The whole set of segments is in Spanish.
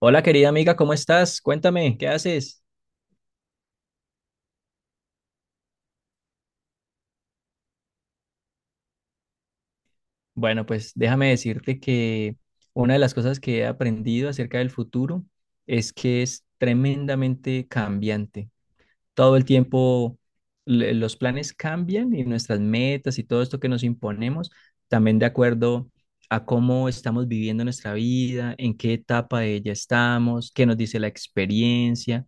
Hola querida amiga, ¿cómo estás? Cuéntame, ¿qué haces? Bueno, pues déjame decirte que una de las cosas que he aprendido acerca del futuro es que es tremendamente cambiante. Todo el tiempo los planes cambian y nuestras metas y todo esto que nos imponemos, también de acuerdo a cómo estamos viviendo nuestra vida, en qué etapa de ella estamos, qué nos dice la experiencia.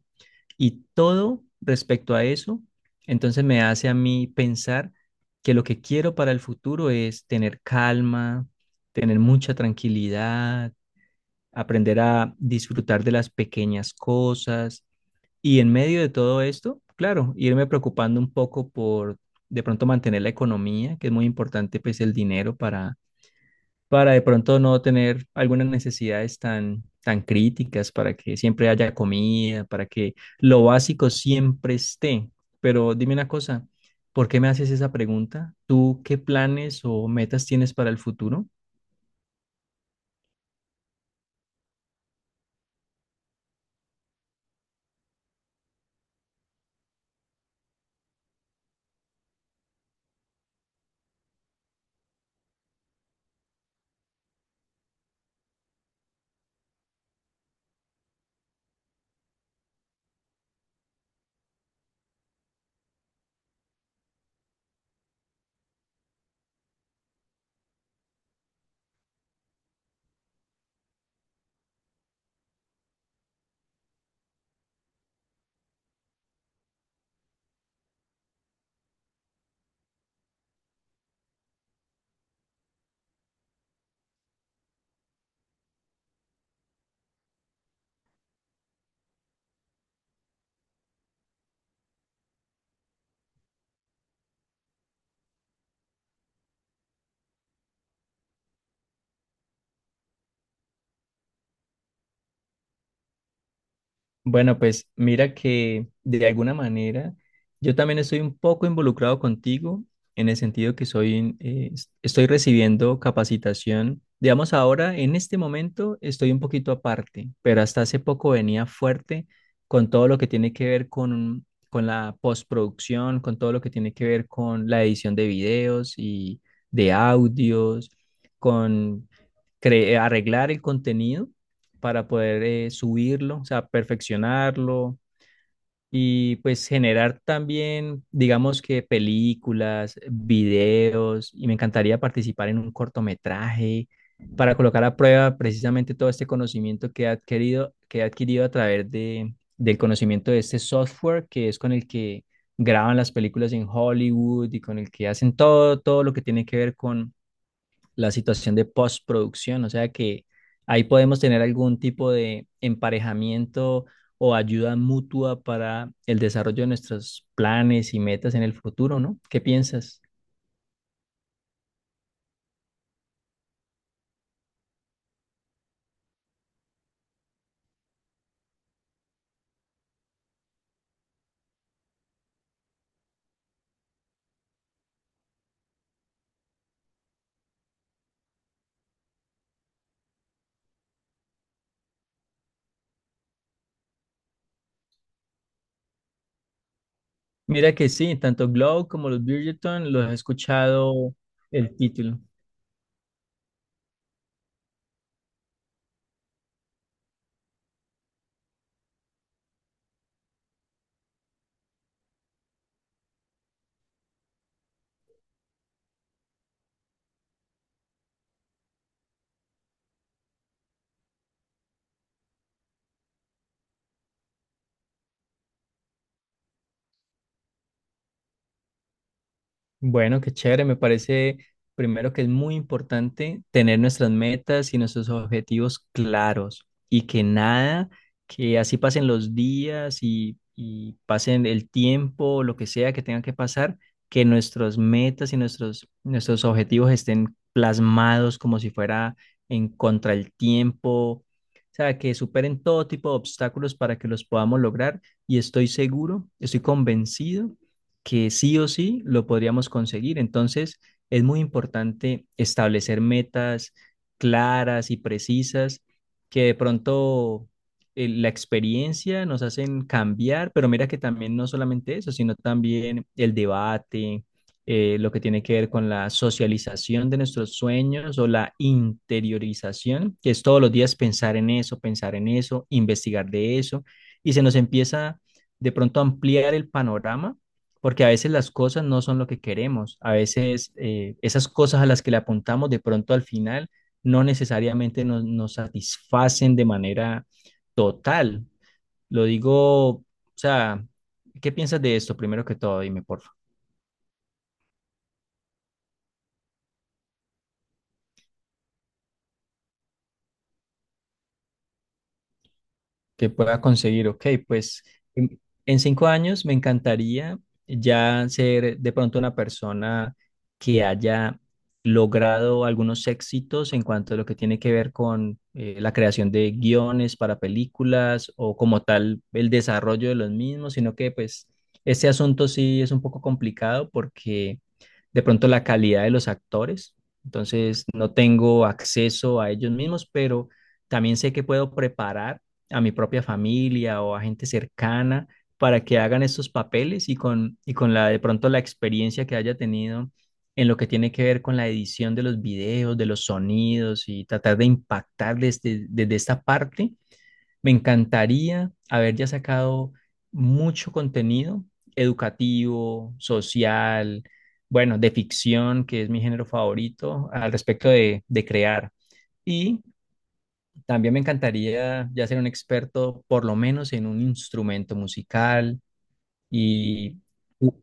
Y todo respecto a eso, entonces me hace a mí pensar que lo que quiero para el futuro es tener calma, tener mucha tranquilidad, aprender a disfrutar de las pequeñas cosas. Y en medio de todo esto, claro, irme preocupando un poco por de pronto mantener la economía, que es muy importante, pues el dinero para de pronto no tener algunas necesidades tan críticas, para que siempre haya comida, para que lo básico siempre esté. Pero dime una cosa, ¿por qué me haces esa pregunta? ¿Tú qué planes o metas tienes para el futuro? Bueno, pues mira que de alguna manera yo también estoy un poco involucrado contigo en el sentido que soy, estoy recibiendo capacitación. Digamos, ahora en este momento estoy un poquito aparte, pero hasta hace poco venía fuerte con todo lo que tiene que ver con la postproducción, con todo lo que tiene que ver con la edición de videos y de audios, con arreglar el contenido para poder subirlo, o sea, perfeccionarlo y pues generar también, digamos que películas, videos, y me encantaría participar en un cortometraje para colocar a prueba precisamente todo este conocimiento que he adquirido, a través del conocimiento de este software que es con el que graban las películas en Hollywood y con el que hacen todo, todo lo que tiene que ver con la situación de postproducción, o sea que ahí podemos tener algún tipo de emparejamiento o ayuda mutua para el desarrollo de nuestros planes y metas en el futuro, ¿no? ¿Qué piensas? Mira que sí, tanto Glow como los Bridgerton los he escuchado el título. Bueno, qué chévere. Me parece primero que es muy importante tener nuestras metas y nuestros objetivos claros y que nada, que así pasen los días y pasen el tiempo, lo que sea que tenga que pasar, que nuestras metas y nuestros objetivos estén plasmados como si fuera en contra el tiempo. O sea, que superen todo tipo de obstáculos para que los podamos lograr. Y estoy seguro, estoy convencido que sí o sí lo podríamos conseguir. Entonces, es muy importante establecer metas claras y precisas que de pronto la experiencia nos hacen cambiar, pero mira que también no solamente eso, sino también el debate, lo que tiene que ver con la socialización de nuestros sueños o la interiorización, que es todos los días pensar en eso, investigar de eso, y se nos empieza de pronto a ampliar el panorama porque a veces las cosas no son lo que queremos, a veces esas cosas a las que le apuntamos de pronto al final no necesariamente nos satisfacen de manera total. Lo digo, o sea, ¿qué piensas de esto primero que todo? Dime, por que pueda conseguir, ok, pues en, en 5 años me encantaría ya ser de pronto una persona que haya logrado algunos éxitos en cuanto a lo que tiene que ver con la creación de guiones para películas o como tal el desarrollo de los mismos, sino que pues este asunto sí es un poco complicado porque de pronto la calidad de los actores, entonces no tengo acceso a ellos mismos, pero también sé que puedo preparar a mi propia familia o a gente cercana para que hagan estos papeles y y con la de pronto la experiencia que haya tenido en lo que tiene que ver con la edición de los videos, de los sonidos y tratar de impactar desde esta parte. Me encantaría haber ya sacado mucho contenido educativo, social, bueno, de ficción, que es mi género favorito al respecto de crear. Y también me encantaría ya ser un experto, por lo menos en un instrumento musical. Y u-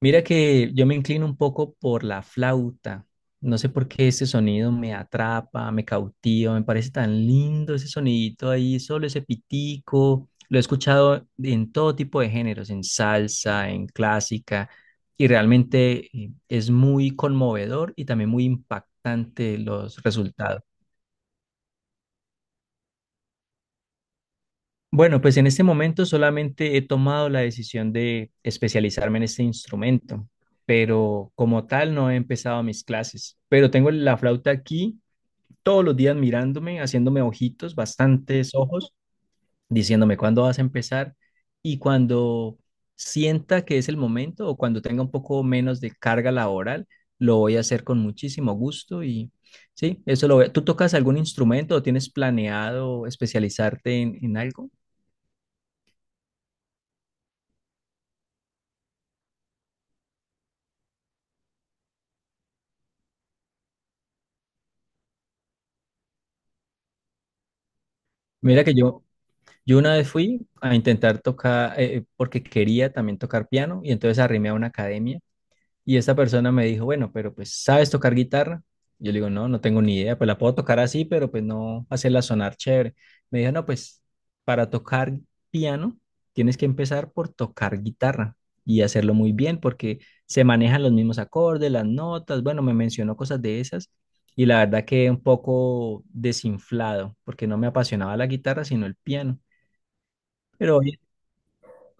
mira que yo me inclino un poco por la flauta. No sé por qué ese sonido me atrapa, me cautiva, me parece tan lindo ese sonidito ahí, solo ese pitico. Lo he escuchado en todo tipo de géneros, en salsa, en clásica, y realmente es muy conmovedor y también muy impactante los resultados. Bueno, pues en este momento solamente he tomado la decisión de especializarme en este instrumento, pero como tal no he empezado mis clases. Pero tengo la flauta aquí todos los días mirándome, haciéndome ojitos, bastantes ojos, diciéndome cuándo vas a empezar y cuando sienta que es el momento o cuando tenga un poco menos de carga laboral, lo voy a hacer con muchísimo gusto y sí, eso lo voy a- ¿Tú tocas algún instrumento o tienes planeado especializarte en algo? Mira que yo, Yo una vez fui a intentar tocar, porque quería también tocar piano, y entonces arrimé a una academia, y esa persona me dijo, bueno, pero pues, ¿sabes tocar guitarra? Yo le digo, no, no tengo ni idea, pues la puedo tocar así, pero pues no hacerla sonar chévere. Me dijo, no, pues para tocar piano tienes que empezar por tocar guitarra y hacerlo muy bien, porque se manejan los mismos acordes, las notas, bueno, me mencionó cosas de esas, y la verdad que un poco desinflado, porque no me apasionaba la guitarra, sino el piano. Pero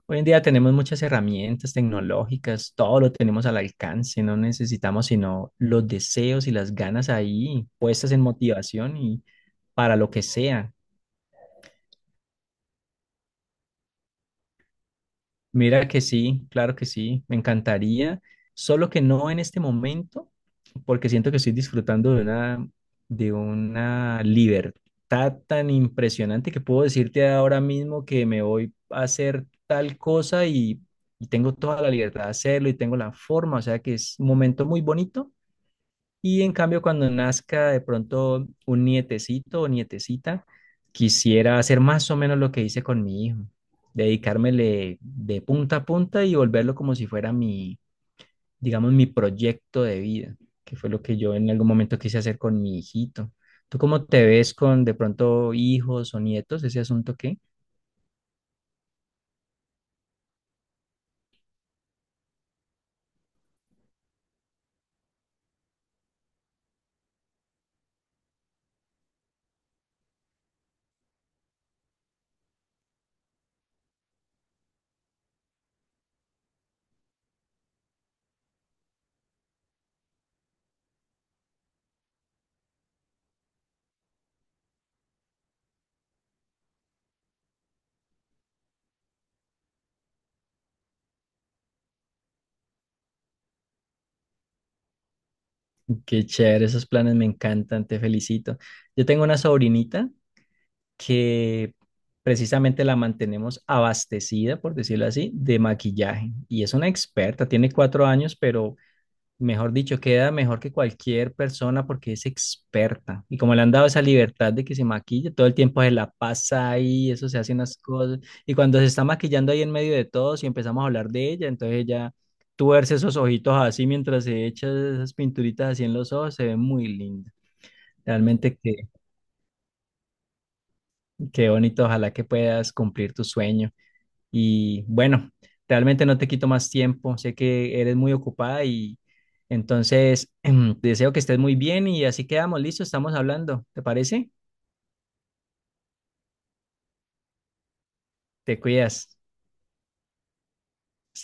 hoy en día tenemos muchas herramientas tecnológicas, todo lo tenemos al alcance, no necesitamos sino los deseos y las ganas ahí puestas en motivación y para lo que sea. Mira que sí, claro que sí, me encantaría, solo que no en este momento porque siento que estoy disfrutando de una libertad tan impresionante que puedo decirte ahora mismo que me voy a hacer tal cosa y tengo toda la libertad de hacerlo y tengo la forma, o sea que es un momento muy bonito. Y en cambio, cuando nazca de pronto un nietecito o nietecita, quisiera hacer más o menos lo que hice con mi hijo, dedicármele de punta a punta y volverlo como si fuera digamos, mi proyecto de vida, que fue lo que yo en algún momento quise hacer con mi hijito. ¿Tú cómo te ves con de pronto hijos o nietos? ¿Ese asunto qué? Qué chévere, esos planes me encantan, te felicito. Yo tengo una sobrinita que precisamente la mantenemos abastecida, por decirlo así, de maquillaje. Y es una experta, tiene 4 años, pero mejor dicho, queda mejor que cualquier persona porque es experta. Y como le han dado esa libertad de que se maquille, todo el tiempo se la pasa ahí, eso se hace unas cosas. Y cuando se está maquillando ahí en medio de todos y empezamos a hablar de ella, entonces ella tuerce esos ojitos así mientras se echa esas pinturitas así en los ojos, se ve muy linda. Realmente qué bonito, ojalá que puedas cumplir tu sueño. Y bueno, realmente no te quito más tiempo, sé que eres muy ocupada y entonces deseo que estés muy bien y así quedamos, listo, estamos hablando, ¿te parece? Te cuidas.